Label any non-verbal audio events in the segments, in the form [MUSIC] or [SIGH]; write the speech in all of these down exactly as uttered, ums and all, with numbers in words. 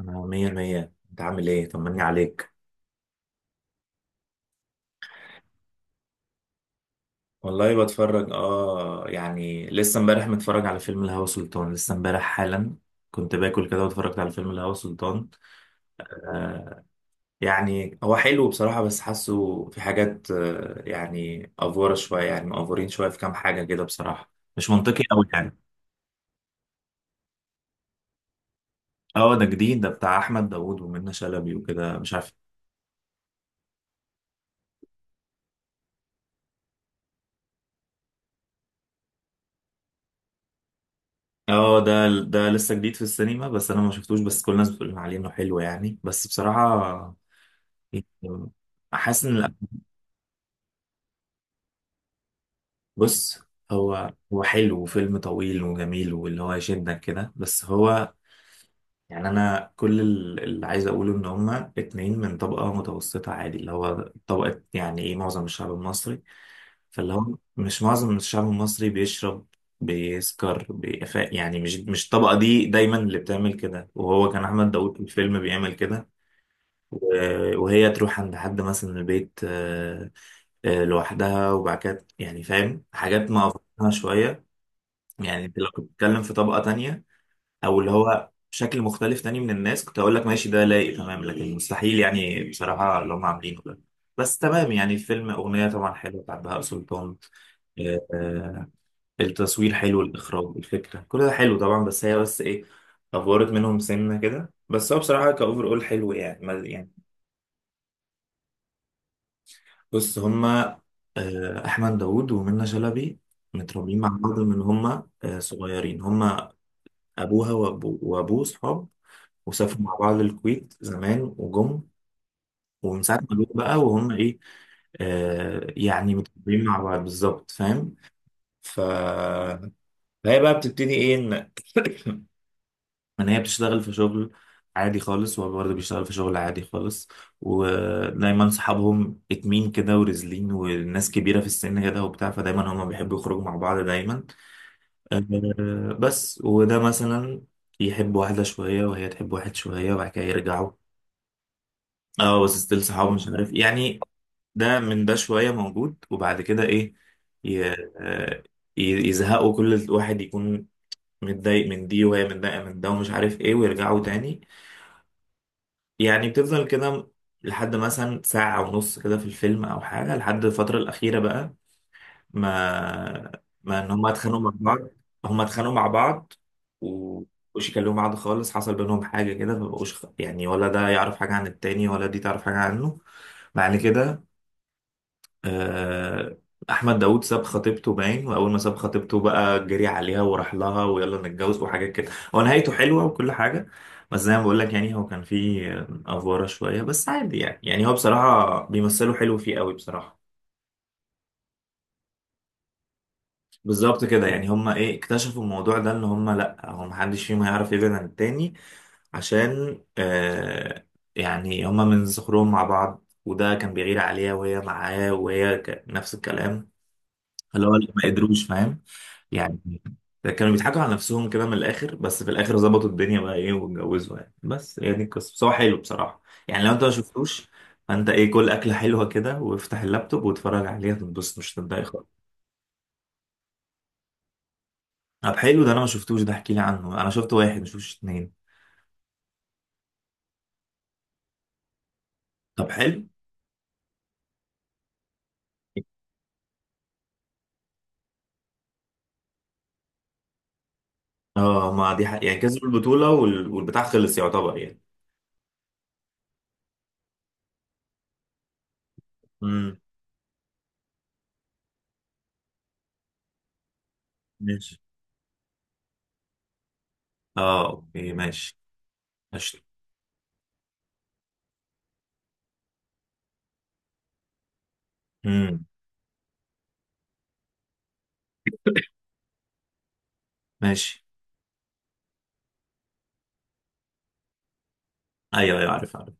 أنا مية مية، أنت عامل إيه؟ طمني عليك. والله بتفرج، آه يعني لسه امبارح متفرج على فيلم الهوى سلطان، لسه امبارح حالا. كنت باكل كده واتفرجت على فيلم الهوى سلطان. آه، يعني هو حلو بصراحة، بس حاسه في حاجات، آه، يعني أفورة شوية، يعني مأفورين شوية في كام حاجة كده بصراحة. مش منطقي أوي يعني. اه، ده جديد، ده بتاع أحمد داوود ومنة شلبي وكده مش عارف. اه، ده ده لسه جديد في السينما، بس أنا ما شفتوش، بس كل الناس بتقول عليه إنه حلو يعني، بس بصراحة إيه، حاسس ان لا. بص، هو هو حلو وفيلم طويل وجميل واللي هو يشدك كده، بس هو يعني انا كل ال- اللي عايز اقوله ان هما اتنين من طبقة متوسطة عادي، اللي هو طبقة يعني ايه معظم الشعب المصري. فاللي هو مش معظم الشعب المصري بيشرب، بيسكر، بيخ... يعني مش مش الطبقة دي دايما اللي بتعمل كده، وهو كان احمد داوود في الفيلم بيعمل كده. و- وهي تروح عند حد مثلا من البيت، آه، آه، لوحدها. وبعد كده يعني فاهم حاجات ما أفضلها شوية. يعني انت لو كنت بتتكلم في طبقة تانية، أو اللي هو شكل مختلف تاني من الناس، كنت أقول لك ماشي ده لايق تمام، لكن مستحيل يعني بصراحة اللي هم عاملينه ده. بس تمام، يعني فيلم أغنية طبعا حلوة بتاعت بهاء سلطان. آه، آه، التصوير حلو، الإخراج، الفكرة، كل ده حلو طبعا، بس هي بس إيه، أفورت منهم سنة كده. بس هو بصراحة كأوفر أول حلو يعني ما- يعني. بص هما، آه، أحمد داوود ومنة شلبي، متربيين مع بعض من هما آه، صغيرين. هما أبوها وأبو- وأبوه صحاب، وسافروا مع بعض الكويت زمان وجم. ومن ساعة ما جم بقى وهم إيه، آه، يعني متربيين مع بعض بالظبط، فاهم. ف- فهي بقى بتبتدي إيه إن [LAUGHS] ان هي بتشتغل في شغل عادي خالص، وهو برضه بيشتغل في شغل عادي خالص. ودايما صحابهم اتمين كده، ورزلين، والناس كبيرة في السن كده وبتاع، فدايما هما بيحبوا يخرجوا مع بعض دايما. آه، بس، وده مثلا يحب واحدة شوية، وهي تحب واحد شوية، وبعد كده يرجعوا. اه بس ستيل صحابه، مش عارف يعني، ده من ده شوية موجود، وبعد كده ايه، ي- آه، ي- يزهقوا، كل واحد يكون متضايق من دي، وهي متضايقة من ده، ومش عارف ايه، ويرجعوا تاني. يعني بتفضل كده لحد مثلا ساعة ونص كده في الفيلم أو حاجة، لحد الفترة الأخيرة بقى، ما ما إن هما اتخانقوا مع بعض. هما اتخانقوا مع بعض ومبقوش يكلموا بعض خالص، حصل بينهم حاجة كده، فمبقوش خ- يعني ولا ده يعرف حاجة عن التاني ولا دي تعرف حاجة عنه. بعد كده آه، احمد داوود ساب خطيبته باين، واول ما ساب خطيبته بقى جري عليها وراح لها، ويلا نتجوز وحاجات كده، هو نهايته حلوه وكل حاجه. بس زي ما بقول لك، يعني هو كان فيه آه، افوره شويه، بس عادي يعني، يعني هو بصراحه بيمثلوا حلو فيه قوي بصراحه. بالظبط كده، يعني هما ايه اكتشفوا الموضوع ده، ان هما لا، هو محدش فيهم هيعرف يبعد عن التاني عشان آه يعني هما من صغرهم مع بعض، وده كان بيغير عليها وهي معاه، وهي ك- نفس الكلام، اللي هو اللي ما قدروش فاهم يعني. ده كانوا بيضحكوا على نفسهم كده من الاخر، بس في الاخر ظبطوا الدنيا بقى ايه واتجوزوا يعني. بس هي دي القصه، بس هو حلو بصراحه. يعني لو انت ما شفتوش، فانت ايه، كل اكله حلوه كده وافتح اللابتوب واتفرج عليها، تنبسط، مش هتتضايق خالص. طب حلو، ده انا ما شفتوش، ده احكي لي عنه، انا شفت واحد ما شفتش اتنين. طب حلو، اه ما دي حق. يعني كسبوا البطوله وال- والبتاع خلص يعتبر يعني. امم، ماشي. اه اوكي، ماشي. ماشي. امم. ماشي. ايوه ايوه، عارف عارف.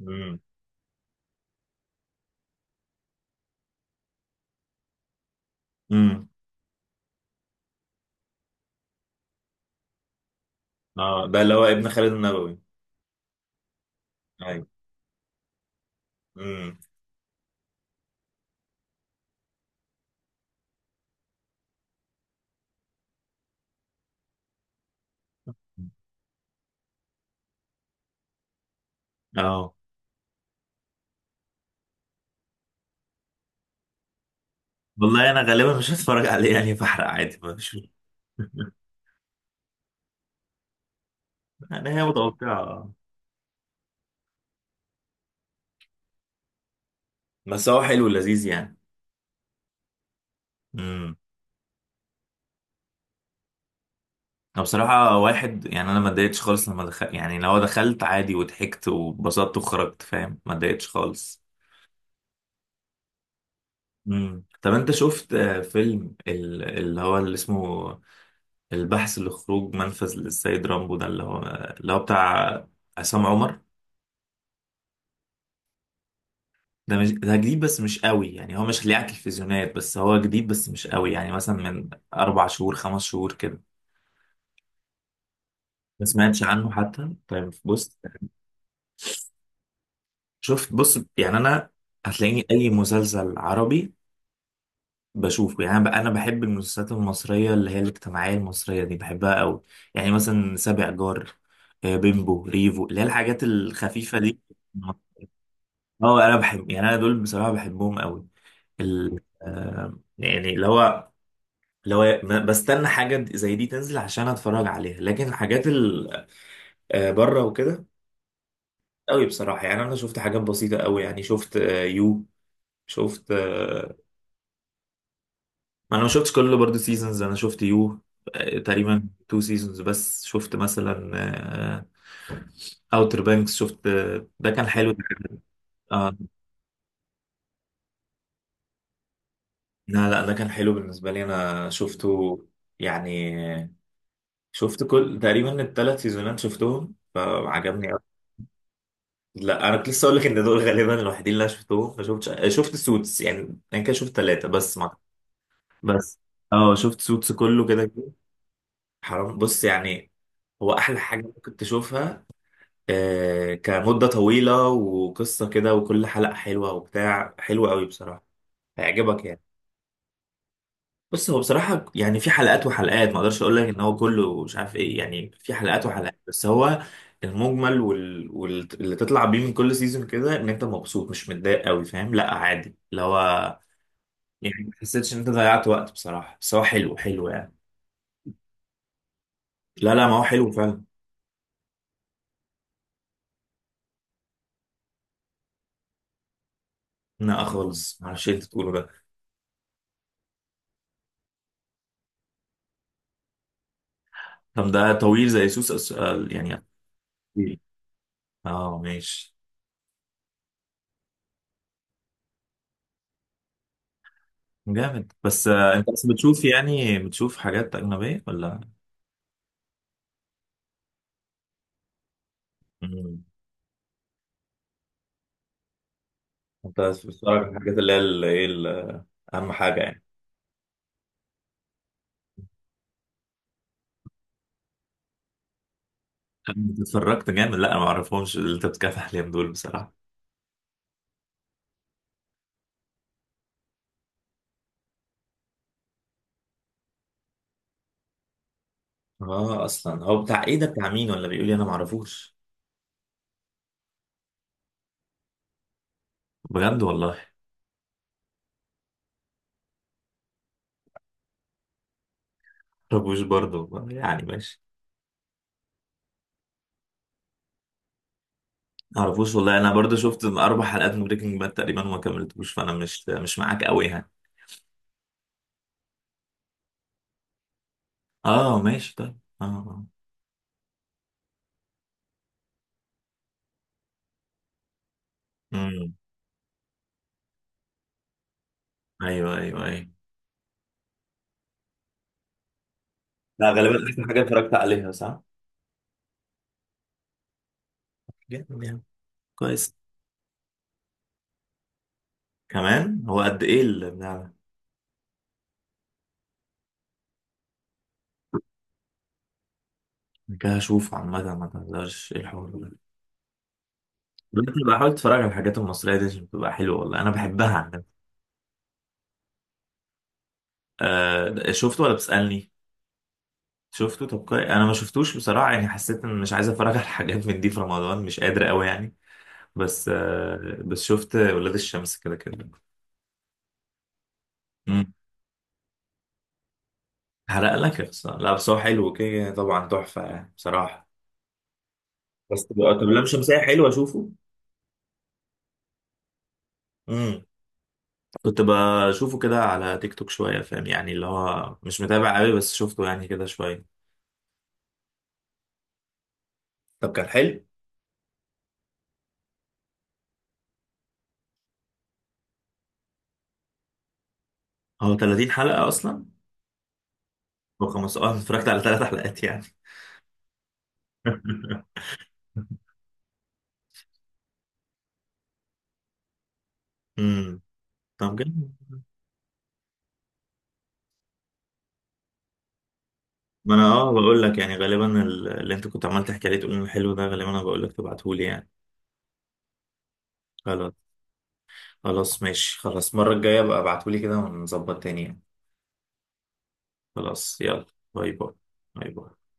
امم. امم. اه، ده اللي هو ابن خالد النبوي. ايوه. امم. اه، والله انا غالبا مش هتفرج عليه يعني، بحرق عادي مش [LAUGHS] يعني هي متوقعة. بس هو حلو لذيذ يعني. امم. انا بصراحة واحد، يعني انا ما اتضايقتش خالص لما دخل، يعني لو دخلت عادي وضحكت وبسطت وخرجت، فاهم، ما اتضايقتش خالص. امم. طب انت شفت آه، فيلم ال- اللي هو اللي اسمه البحث لخروج منفذ للسيد رامبو، ده اللي هو اللي هو بتاع عصام عمر. ده مش ده جديد، بس مش قوي يعني، هو مش اللي على التلفزيونات، بس هو جديد بس مش قوي يعني، مثلا من اربع شهور خمس شهور كده. ما سمعتش عنه حتى، طيب بص. شفت بص يعني انا، هتلاقيني اي مسلسل عربي بشوفه يعني. انا ب- أنا بحب المسلسلات المصريه، اللي هي الاجتماعيه المصريه دي، بحبها قوي. يعني مثلا سابع جار، آه، بيمبو ريفو، اللي هي الحاجات الخفيفه دي. اه انا بحب، يعني انا دول بصراحه بحبهم قوي. ال- آه، يعني اللي هو لو ما- بستنى حاجة زي دي تنزل عشان اتفرج عليها، لكن الحاجات ال آه، بره وكده قوي بصراحة. يعني انا شفت حاجات بسيطة قوي، يعني شفت آه، يو شفت آه، ما انا ما شفتش كله برضه سيزونز، انا شفت يو آه، تقريبا تو سيزونز بس. شفت مثلا اوتر بانكس، شفت آه، ده كان حلو. آه لا لا، ده كان حلو بالنسبة لي أنا شفته يعني. شفت كل تقريبا الثلاث سيزونات شفتهم، فعجبني. لا انا كنت لسه اقول لك ان دول غالبا الوحيدين اللي انا شفتهم، ما شفتش آه، شفت سوتس، يعني انا كده شفت ثلاثه بس ما. بس اه شفت سوتس كله كده كده. حرام بص يعني، هو احلى حاجه ممكن تشوفها. آه كمده طويله وقصه كده، وكل حلقه حلوه وبتاع، حلوه قوي بصراحه، هيعجبك يعني. بص هو بصراحة يعني، في حلقات وحلقات، ما اقدرش اقول لك ان هو كله مش عارف ايه، يعني في حلقات وحلقات. بس هو المجمل وال... وال... اللي تطلع بيه من كل سيزون كده، ان انت مبسوط مش متضايق قوي، فاهم، لا عادي اللي هو يعني، ما حسيتش ان انت ضيعت وقت بصراحة. بس هو حلو حلو يعني. لا لا، ما هو حلو فعلا. لا خالص، معرفش ايه اللي انت تقوله ده. طب ده طويل زي سوس أس... آه، يعني. طويل. اه ماشي. جامد. بس آه، انت بس بتشوف يعني، بتشوف حاجات اجنبية ولا. مم. انت بس بتتفرج على الحاجات اللي هي ال- ايه ال- اهم حاجه يعني. انت اتفرجت جامد. لا انا ما اعرفهمش اللي انت بتتكلم عليهم دول بصراحه. اه اصلا هو بتاع ايه ده، بتاع مين ولا، بيقول لي انا ما اعرفوش. بجد والله. ما اعرفوش برضه يعني، ماشي. ما اعرفوش والله، انا برضه شفت اربع حلقات من بريكنج باد تقريبا وما كملتوش، فانا مش مش معاك قوي يعني. اه ماشي، طيب اه آه. امم. ايوه ايوه ايوه. لا غالبا احسن حاجه اتفرجت عليها صح. جامد يعني. كويس. كمان هو قد ايه. كده اشوف عامة، ما تهزرش، ايه الحوار ده. دلوقتي بقى حاول تتفرج على الحاجات المصرية دي عشان بتبقى حلوة، والله انا بحبها عامة. آه شفته ولا بتسألني. شفته، طب كويس، انا ما شفتوش بصراحة، يعني حسيت ان مش عايز اتفرج [LAUGHS] على حاجات من دي في رمضان، مش قادر قوي يعني. بس آه، بس شفت ولاد الشمس كده كده. امم. حرق لك يا خسارة، لا بس هو حلو كده طبعا، تحفة يعني بصراحة. بس تبقى طب لام شمسية حلوة، اشوفه. امم. كنت بشوفه كده على تيك توك شوية، فاهم يعني، اللي هو مش متابع قوي، بس شفته يعني كده شوية. طب كان حلو. هو تلاتين حلقة أصلا. هو خمستاشر، آه، اتفرجت على ثلاث حلقات يعني. [LAUGHS] امم. طب جميل. ما أنا أه بقول لك، يعني غالبا ال- اللي أنت كنت عمال تحكي عليه تقول إنه حلو ده، غالبا أنا بقول لك تبعتهولي يعني. خلاص. خلاص ماشي. خلاص، المرة الجاية بقى ابعتولي كده ونظبط تاني يعني. خلاص يلا، باي باي. باي باي.